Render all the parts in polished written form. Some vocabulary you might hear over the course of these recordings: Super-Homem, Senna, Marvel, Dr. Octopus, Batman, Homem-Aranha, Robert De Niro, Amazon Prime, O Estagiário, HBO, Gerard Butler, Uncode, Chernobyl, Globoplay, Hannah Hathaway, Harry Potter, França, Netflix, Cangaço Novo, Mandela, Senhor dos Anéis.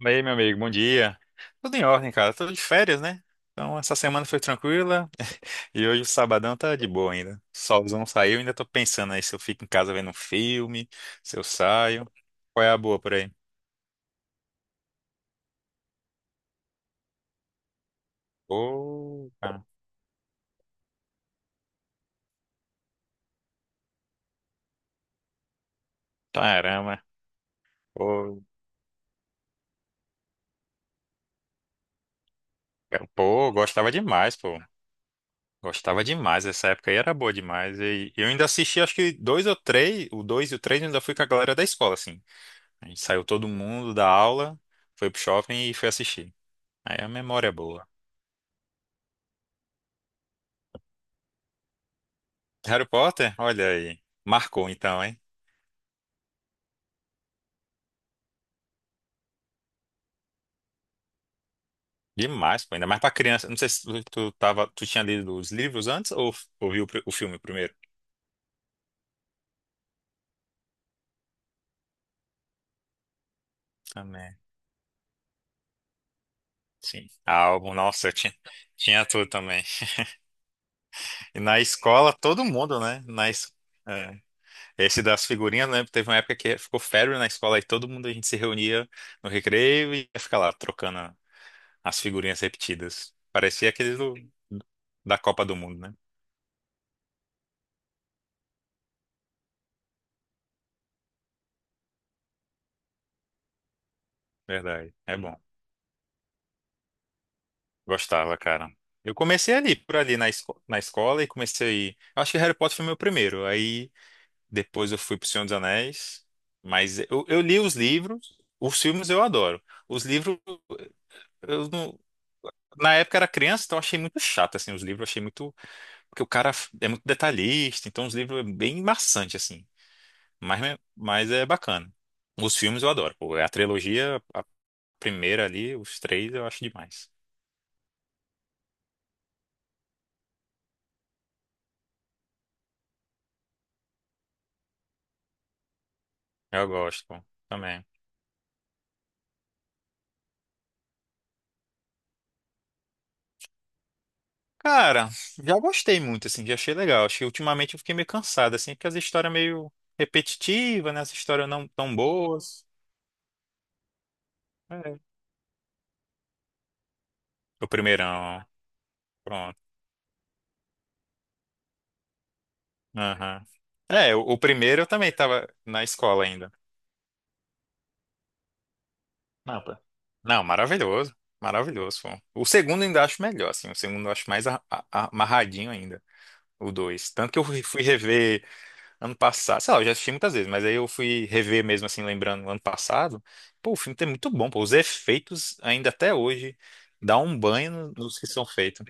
E aí, meu amigo, bom dia. Tudo em ordem, cara. Tudo de férias, né? Então, essa semana foi tranquila e hoje o sabadão tá de boa ainda. Solzão saiu, ainda tô pensando aí se eu fico em casa vendo um filme, se eu saio. Qual é a boa por aí? Pô, cara. Caramba. Pô, cara. Pô, gostava demais, pô. Gostava demais. Essa época aí era boa demais. E eu ainda assisti, acho que dois ou três, o dois e o três, eu ainda fui com a galera da escola, assim. A gente saiu todo mundo da aula, foi pro shopping e foi assistir. Aí a memória é boa. Harry Potter? Olha aí. Marcou então, hein? Demais, pô. Ainda mais pra criança. Não sei se tu tinha lido os livros antes ou, ou viu o filme primeiro? Também. Sim. Ah, álbum, nossa, eu tinha tudo também. E na escola, todo mundo, né? É. Esse das figurinhas, né? Teve uma época que ficou férias na escola e todo mundo a gente se reunia no recreio e ia ficar lá trocando as figurinhas repetidas. Parecia aqueles da Copa do Mundo, né? Verdade. É bom. Gostava, cara. Eu comecei ali, por ali na escola e comecei. Acho que Harry Potter foi meu primeiro. Aí depois eu fui pro Senhor dos Anéis. Mas eu li os livros, os filmes eu adoro. Os livros, eu não. Na época eu era criança, então eu achei muito chato, assim, os livros. Eu achei muito. Porque o cara é muito detalhista, então os livros é bem maçante, assim. Mas, mas é bacana. Os filmes eu adoro. Pô, a trilogia, a primeira ali, os três eu acho demais. Eu gosto, pô, também. Cara, já gostei muito, assim, já achei legal. Acho que ultimamente eu fiquei meio cansado, assim, porque as histórias meio repetitivas, né? As histórias não tão boas. É. O primeirão, pronto. Aham. É, o primeiro eu também tava na escola ainda. Não, pô. Não, maravilhoso. Maravilhoso, pô. O segundo eu ainda acho melhor, assim. O segundo eu acho mais amarradinho ainda. O dois. Tanto que eu fui rever ano passado, sei lá, eu já assisti muitas vezes, mas aí eu fui rever mesmo, assim, lembrando, ano passado. Pô, o filme tá muito bom, pô. Os efeitos, ainda até hoje, dá um banho nos que são feitos.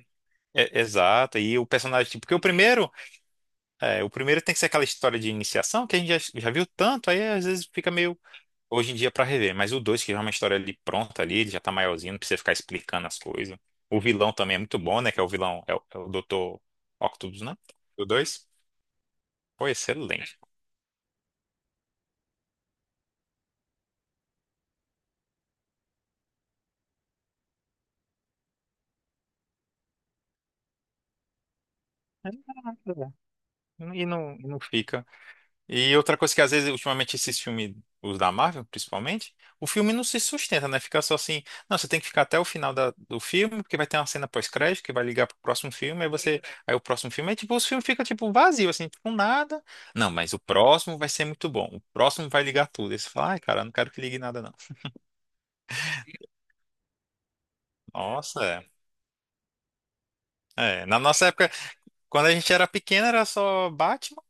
É, exato, e o personagem, tipo, porque o primeiro tem que ser aquela história de iniciação que a gente já viu tanto, aí às vezes fica meio, hoje em dia, pra rever. Mas o dois, que já é uma história ali pronta ali, ele já tá maiorzinho, não precisa ficar explicando as coisas. O vilão também é muito bom, né, que é o vilão, é o Dr. Octopus, né? O dois, pô, excelente. E não fica. E outra coisa que às vezes, ultimamente, esses filmes, os da Marvel, principalmente, o filme não se sustenta, né? Fica só assim. Não, você tem que ficar até o final do filme, porque vai ter uma cena pós-crédito que vai ligar pro próximo filme, aí você. Aí o próximo filme é tipo, os filmes ficam tipo vazio, assim, tipo nada. Não, mas o próximo vai ser muito bom. O próximo vai ligar tudo. Aí você fala, ai, cara, eu não quero que ligue nada, não. Nossa, é. É, na nossa época, quando a gente era pequeno, era só Batman.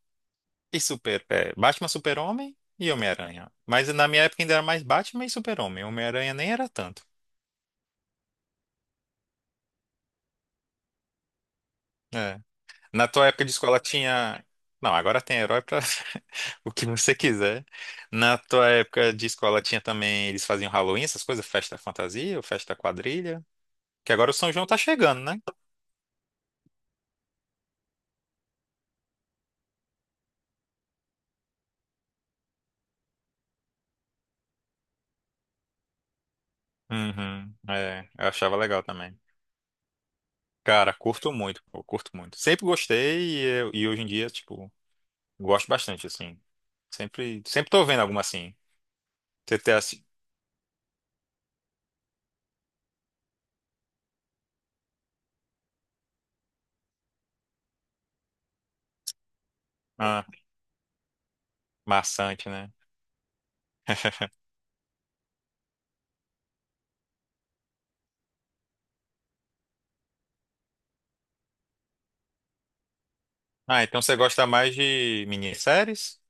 E Batman, Super-Homem e Homem-Aranha. Mas na minha época ainda era mais Batman e Super-Homem. Homem-Aranha nem era tanto. É. Na tua época de escola tinha. Não, agora tem herói pra o que você quiser. Na tua época de escola tinha também. Eles faziam Halloween, essas coisas, festa fantasia, ou festa quadrilha. Que agora o São João tá chegando, né? Uhum. É, eu achava legal também. Cara, curto muito, pô, curto muito. Sempre gostei e hoje em dia, tipo, gosto bastante, assim. Sempre tô vendo alguma assim. Você tem. Ah, maçante, né? Ah, então você gosta mais de minisséries?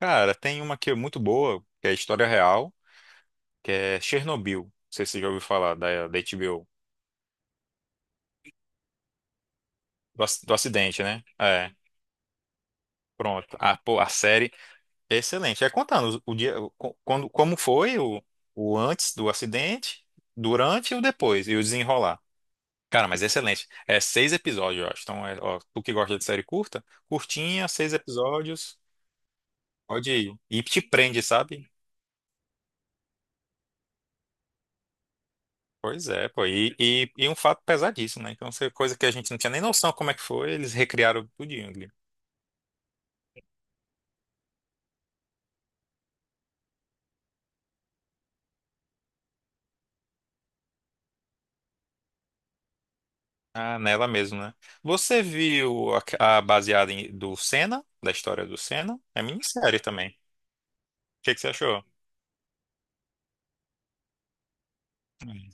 Cara, tem uma que é muito boa, que é história real, que é Chernobyl. Não sei se você já ouviu falar da, HBO. Do acidente, né? É, pronto. A série é excelente. É contando o dia, como foi o antes do acidente, durante e o depois, e o desenrolar. Cara, mas é excelente. É seis episódios, eu acho. Então, ó, tu que gosta de série curta, curtinha, seis episódios, pode ir. E te prende, sabe? Pois é, pô. E um fato pesadíssimo, né? Então, essa coisa que a gente não tinha nem noção como é que foi, eles recriaram tudinho ali. Ah, nela mesmo, né? Você viu a baseada do Senna, da história do Senna? É minissérie também. O que, que você achou? Hum.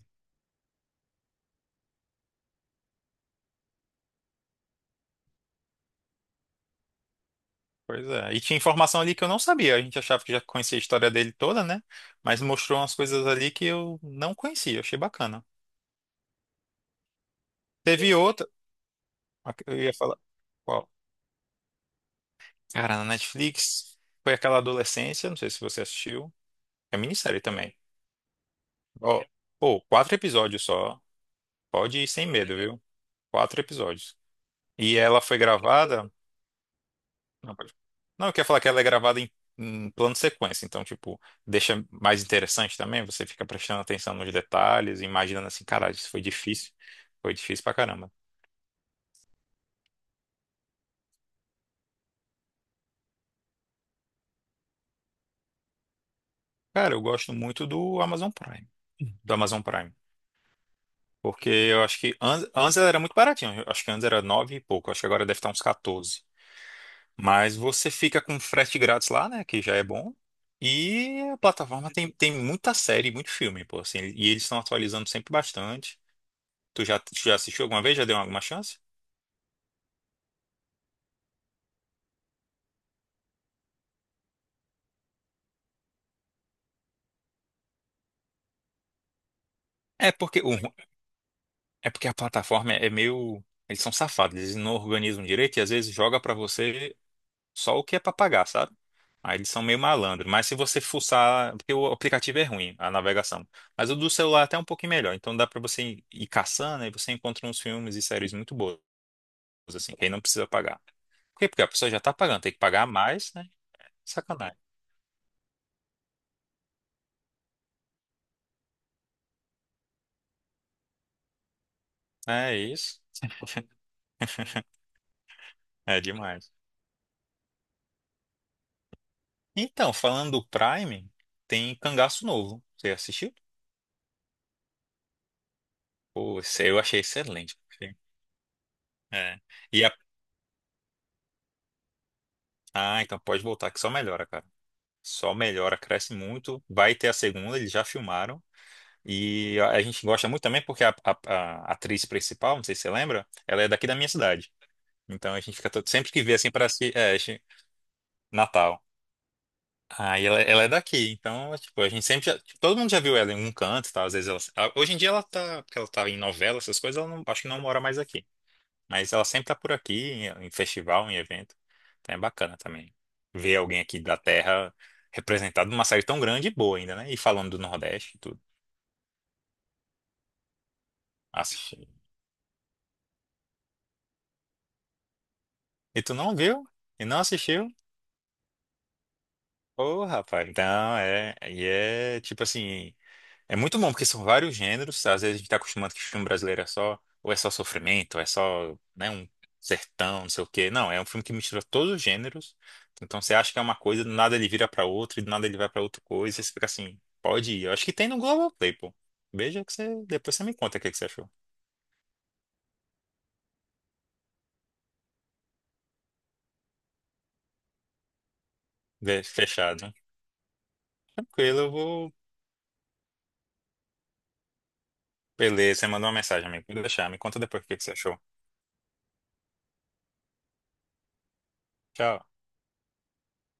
Pois é. E tinha informação ali que eu não sabia. A gente achava que já conhecia a história dele toda, né? Mas mostrou umas coisas ali que eu não conhecia. Achei bacana. Teve outra. A que eu ia falar. Qual? Cara, na Netflix. Foi aquela adolescência. Não sei se você assistiu. É minissérie também. Ó, pô, quatro episódios só. Pode ir sem medo, viu? Quatro episódios. E ela foi gravada. Não, pode. Não, eu queria falar que ela é gravada em plano sequência. Então, tipo, deixa mais interessante também. Você fica prestando atenção nos detalhes, imaginando assim, caralho, isso foi difícil. Foi difícil pra caramba. Cara, eu gosto muito do Amazon Prime. Do Amazon Prime. Porque eu acho que antes ela era muito baratinho. Eu acho que antes era nove e pouco. Eu acho que agora deve estar uns 14. Mas você fica com frete grátis lá, né? Que já é bom. E a plataforma tem muita série, muito filme, pô, assim, e eles estão atualizando sempre bastante. Tu já assistiu alguma vez? Já deu alguma chance? É porque, o, ru- é porque a plataforma é meio. Eles são safados, eles não organizam direito e às vezes joga pra você só o que é pra pagar, sabe? Aí eles são meio malandro. Mas se você fuçar. Porque o aplicativo é ruim, a navegação. Mas o do celular é até um pouquinho melhor. Então dá pra você ir caçando e você encontra uns filmes e séries muito boas, assim, quem não precisa pagar. Por quê? Porque a pessoa já tá pagando, tem que pagar mais, né? Sacanagem. É isso. É demais. Então, falando do Prime, tem Cangaço Novo. Você assistiu? Pô, esse eu achei excelente. É. E a... Ah, então pode voltar que só melhora, cara. Só melhora, cresce muito. Vai ter a segunda, eles já filmaram. E a gente gosta muito também porque a atriz principal, não sei se você lembra, ela é daqui da minha cidade. Então a gente fica todo... sempre que vê assim para si, Natal. Ah, ela é daqui, então, tipo, a gente sempre já, tipo, todo mundo já viu ela em um canto, tá? Às vezes hoje em dia ela tá, porque ela tá em novela, essas coisas, ela não, acho que não mora mais aqui. Mas ela sempre tá por aqui, em festival, em evento. Então é bacana também ver alguém aqui da terra representado numa série tão grande e boa ainda, né? E falando do Nordeste e tudo. Assisti. E tu não viu? E não assistiu? Ô, rapaz, então é tipo assim. É muito bom, porque são vários gêneros. Às vezes a gente tá acostumado que filme brasileiro é só, ou é só sofrimento, ou é só, né, um sertão, não sei o quê. Não, é um filme que mistura todos os gêneros. Então você acha que é uma coisa, do nada ele vira pra outra, e do nada ele vai pra outra coisa, e você fica assim, pode ir. Eu acho que tem no Globoplay, pô. Veja depois você me conta o que que você achou. Fechado. Tranquilo, eu vou. Beleza, você mandou uma mensagem, amigo. Vou deixar, me conta depois o que que você achou. Tchau.